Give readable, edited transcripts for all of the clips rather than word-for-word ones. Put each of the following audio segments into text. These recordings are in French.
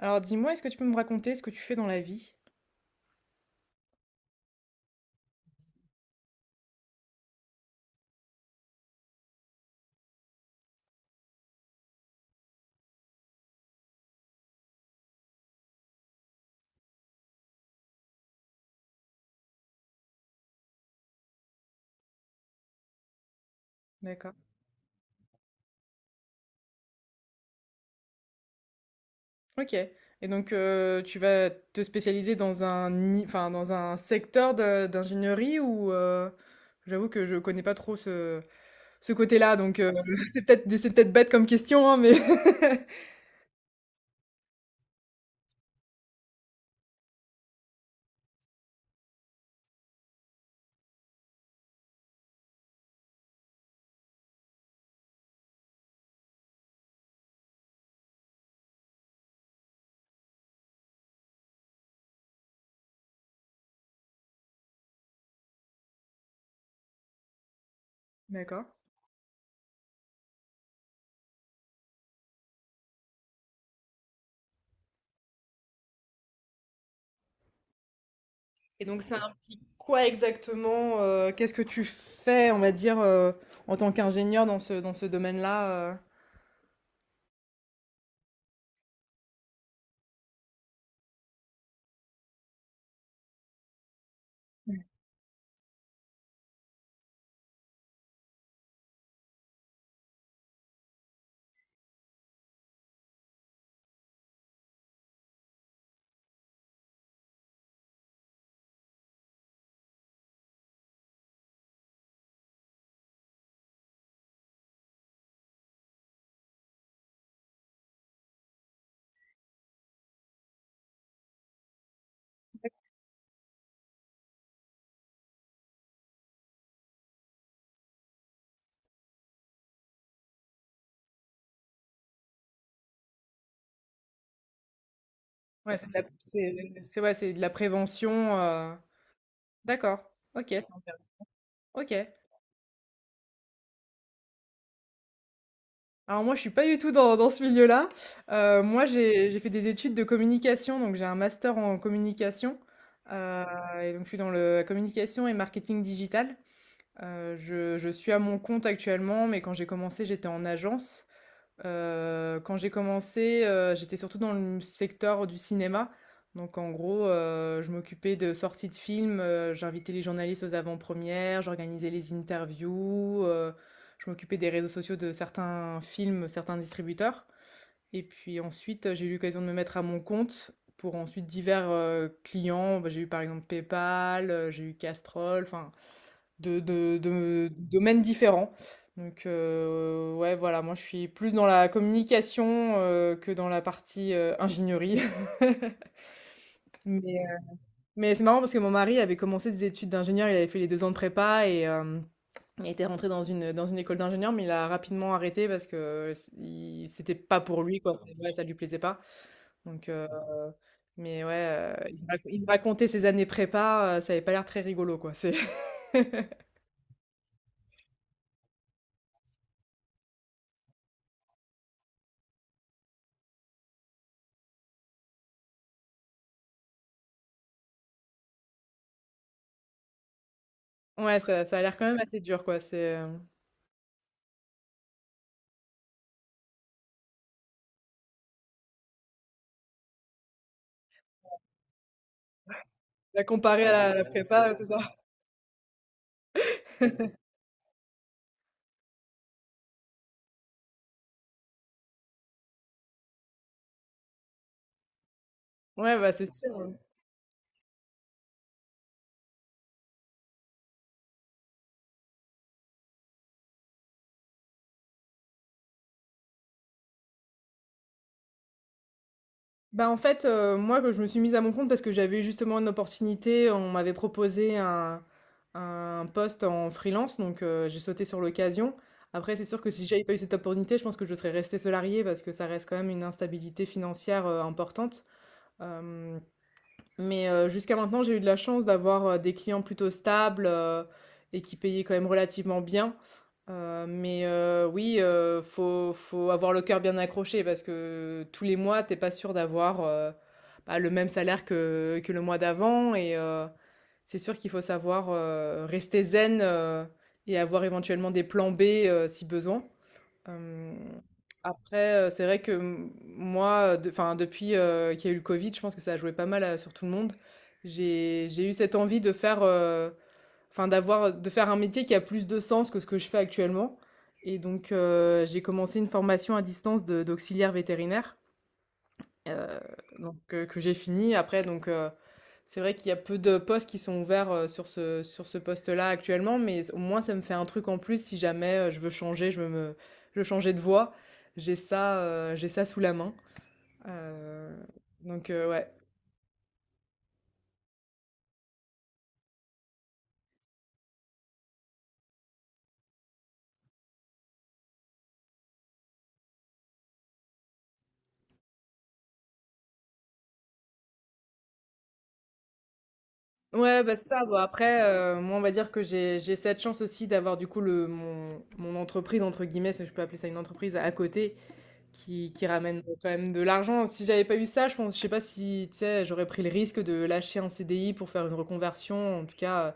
Alors dis-moi, est-ce que tu peux me raconter ce que tu fais dans la vie? D'accord. Ok. Et donc tu vas te spécialiser dans un, enfin, dans un secteur d'ingénierie ou j'avoue que je connais pas trop ce, ce côté-là, donc c'est peut-être bête comme question, hein, mais D'accord. Et donc ça implique quoi exactement? Qu'est-ce que tu fais, on va dire, en tant qu'ingénieur dans ce domaine-là? Ouais, c'est de la, c'est- ouais, c'est de la prévention. D'accord. Ok, c'est OK. Alors moi, je suis pas du tout dans ce milieu-là. Moi, j'ai fait des études de communication, donc j'ai un master en communication, heu et donc je suis dans le communication et marketing digital. Je suis à mon compte actuellement, mais quand j'ai commencé, j'étais en agence. Quand j'ai commencé, j'étais surtout dans le secteur du cinéma. Donc en gros, je m'occupais de sorties de films, j'invitais les journalistes aux avant-premières, j'organisais les interviews, je m'occupais des réseaux sociaux de certains films, certains distributeurs. Et puis ensuite, j'ai eu l'occasion de me mettre à mon compte pour ensuite divers, clients. Bah, j'ai eu par exemple PayPal, j'ai eu Castrol, enfin de domaines différents. Donc, ouais, voilà, moi je suis plus dans la communication que dans la partie ingénierie. Mais, euh, mais c'est marrant parce que mon mari avait commencé des études d'ingénieur, il avait fait les deux ans de prépa et il était rentré dans une école d'ingénieur, mais il a rapidement arrêté parce que c'était pas pour lui, quoi. Ouais, ça lui plaisait pas. Donc, mais ouais, il me racontait ses années prépa, ça avait pas l'air très rigolo, quoi. Ouais, ça a l'air quand même assez dur, quoi. Bah, comparé à la prépa, c'est ça? Ouais, bah, c'est sûr, ouais. Bah, en fait, moi, quand je me suis mise à mon compte parce que j'avais eu justement une opportunité, on m'avait proposé un poste en freelance, donc j'ai sauté sur l'occasion. Après, c'est sûr que si j'avais pas eu cette opportunité, je pense que je serais restée salariée parce que ça reste quand même une instabilité financière, importante, hem Mais jusqu'à maintenant, j'ai eu de la chance d'avoir des clients plutôt stables et qui payaient quand même relativement bien. Mais oui, faut avoir le cœur bien accroché parce que tous les mois, t'es pas sûr d'avoir bah, le même salaire que le mois d'avant. Et c'est sûr qu'il faut savoir rester zen et avoir éventuellement des plans B si besoin. Hem, après, c'est vrai que, m moi, enfin, depuis, qu'il y a eu le Covid, je pense que ça a joué pas mal, sur tout le monde. J'ai eu cette envie de faire, enfin d'avoir de faire un métier qui a plus de sens que ce que je fais actuellement, et donc j'ai commencé une formation à distance de d'auxiliaire vétérinaire. Heu, donc, que j'ai fini. Après donc c'est vrai qu'il y a peu de postes qui sont ouverts, sur ce poste-là actuellement, mais au moins ça me fait un truc en plus si jamais, je veux changer de voie. J'ai ça, j'ai ça sous la main. Heu, donc, ouais. Ouais, bah, c'est ça. Bon après, moi on va dire que j'ai cette chance aussi d'avoir du coup le mon mon «entreprise» entre guillemets, si je peux appeler ça une entreprise, à côté, qui qui ramène quand même de l'argent. Si j'avais pas eu ça, je pense, je sais pas si, tu sais, j'aurais pris le risque de lâcher un CDI pour faire une reconversion. En tout cas,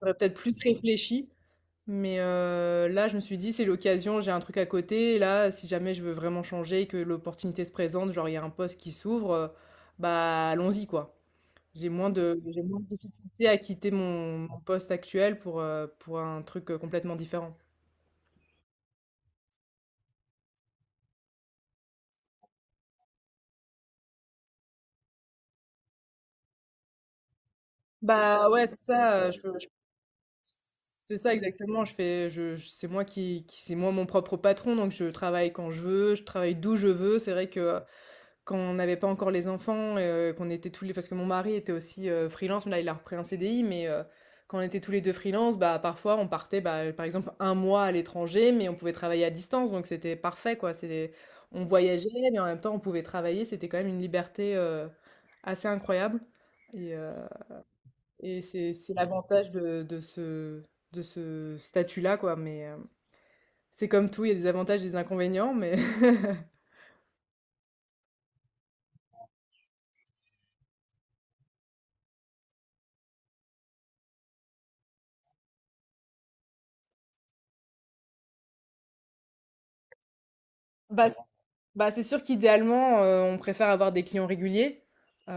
j'aurais peut-être plus réfléchi. Mais là, je me suis dit, c'est l'occasion, j'ai un truc à côté. Et là, si jamais je veux vraiment changer, que l'opportunité se présente, genre il y a un poste qui s'ouvre, bah allons-y, quoi. J'ai moins de difficultés à quitter mon, mon poste actuel pour un truc complètement différent. Bah ouais, c'est ça. C'est ça exactement, je fais je c'est moi qui c'est moi mon propre patron, donc je travaille quand je veux, je travaille d'où je veux. C'est vrai que quand on n'avait pas encore les enfants, qu'on était tous les parce que mon mari était aussi, freelance, mais là il a repris un CDI, mais quand on était tous les 2 freelance, bah, parfois on partait, bah, par exemple un mois à l'étranger, mais on pouvait travailler à distance, donc c'était parfait quoi. C'est on voyageait, mais en même temps on pouvait travailler, c'était quand même une liberté, assez incroyable, et c'est l'avantage de ce statut-là, quoi. Mais c'est comme tout, il y a des avantages et des inconvénients. Bah, Bah, c'est sûr qu'idéalement, on préfère avoir des clients réguliers. Heu,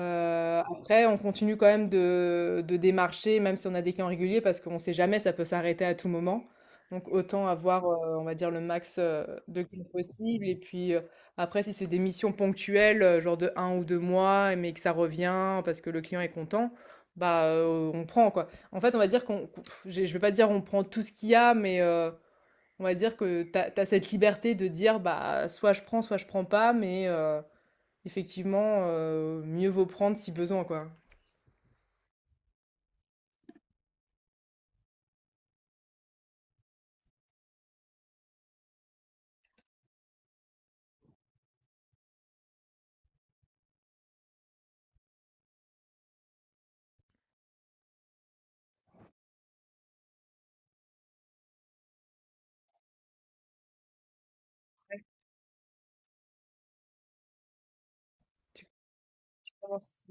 Après, on continue quand même de démarcher, même si on a des clients réguliers, parce qu'on ne sait jamais, ça peut s'arrêter à tout moment. Donc autant avoir, on va dire, le max, de clients possible et puis, après, si c'est des missions ponctuelles, genre de un ou 2 mois, mais que ça revient parce que le client est content, bah, on prend, quoi. En fait, on va dire qu'on, j'ai je ne vais pas dire on prend tout ce qu'il y a, mais, on va dire que tu t'as cette liberté de dire bah soit je prends pas, mais effectivement, mieux vaut prendre si besoin, quoi. Tu- tu commences-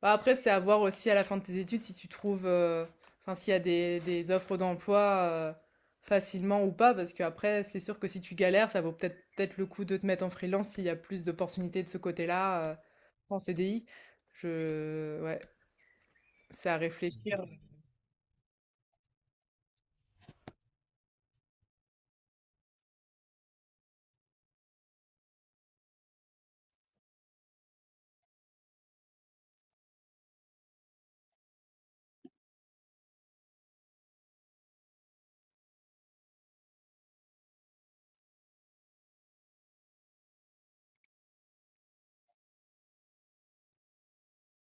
Bah, après, c'est à voir aussi à la fin de tes études si tu trouves, enfin, s'il y a des offres d'emploi euh, facilement ou pas, parce qu'après, c'est sûr que si tu galères, ça vaut peut-être le coup de te mettre en freelance s'il y a plus d'opportunités de ce côté-là qu'en CDI. Ouais, c'est à réfléchir.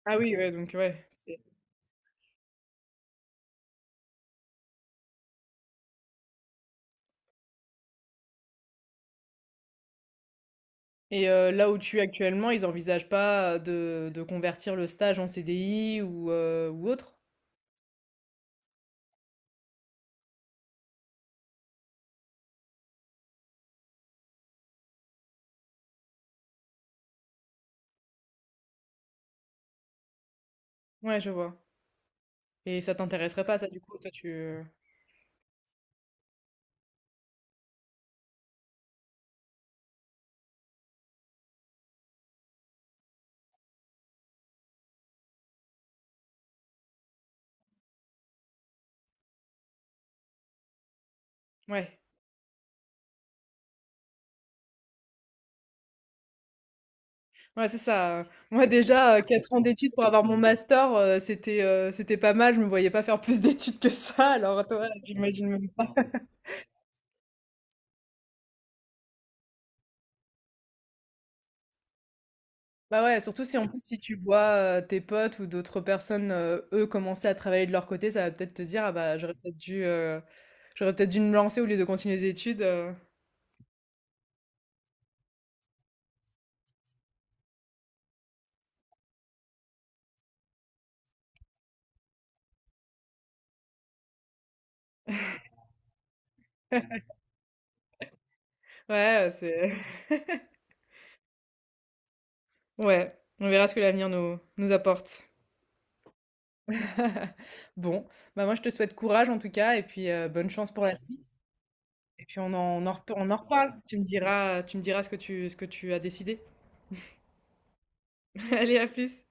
Ah oui, ouais, donc ouais. Et là où tu es actuellement, ils envisagent pas de convertir le stage en CDI ou autre? Ouais, je vois. Et ça t'intéresserait pas ça du coup? Toi tu ouais. Ouais, c'est ça, moi déjà, 4 ans d'études pour avoir mon master, c'était pas mal, je me voyais pas faire plus d'études que ça, alors toi, j'imagine même pas. Bah, ouais, surtout si en plus si tu vois, tes potes ou d'autres personnes, eux commencer à travailler de leur côté, ça va peut-être te dire: «Ah bah, j'aurais peut-être dû me lancer au lieu de continuer les études», Ouais, c'est ouais, on verra ce que l'avenir nous apporte. Bon, bah, moi je te souhaite courage en tout cas et puis, bonne chance pour la suite et puis on en reparle. Tu me diras ce que tu as décidé. Allez, à plus.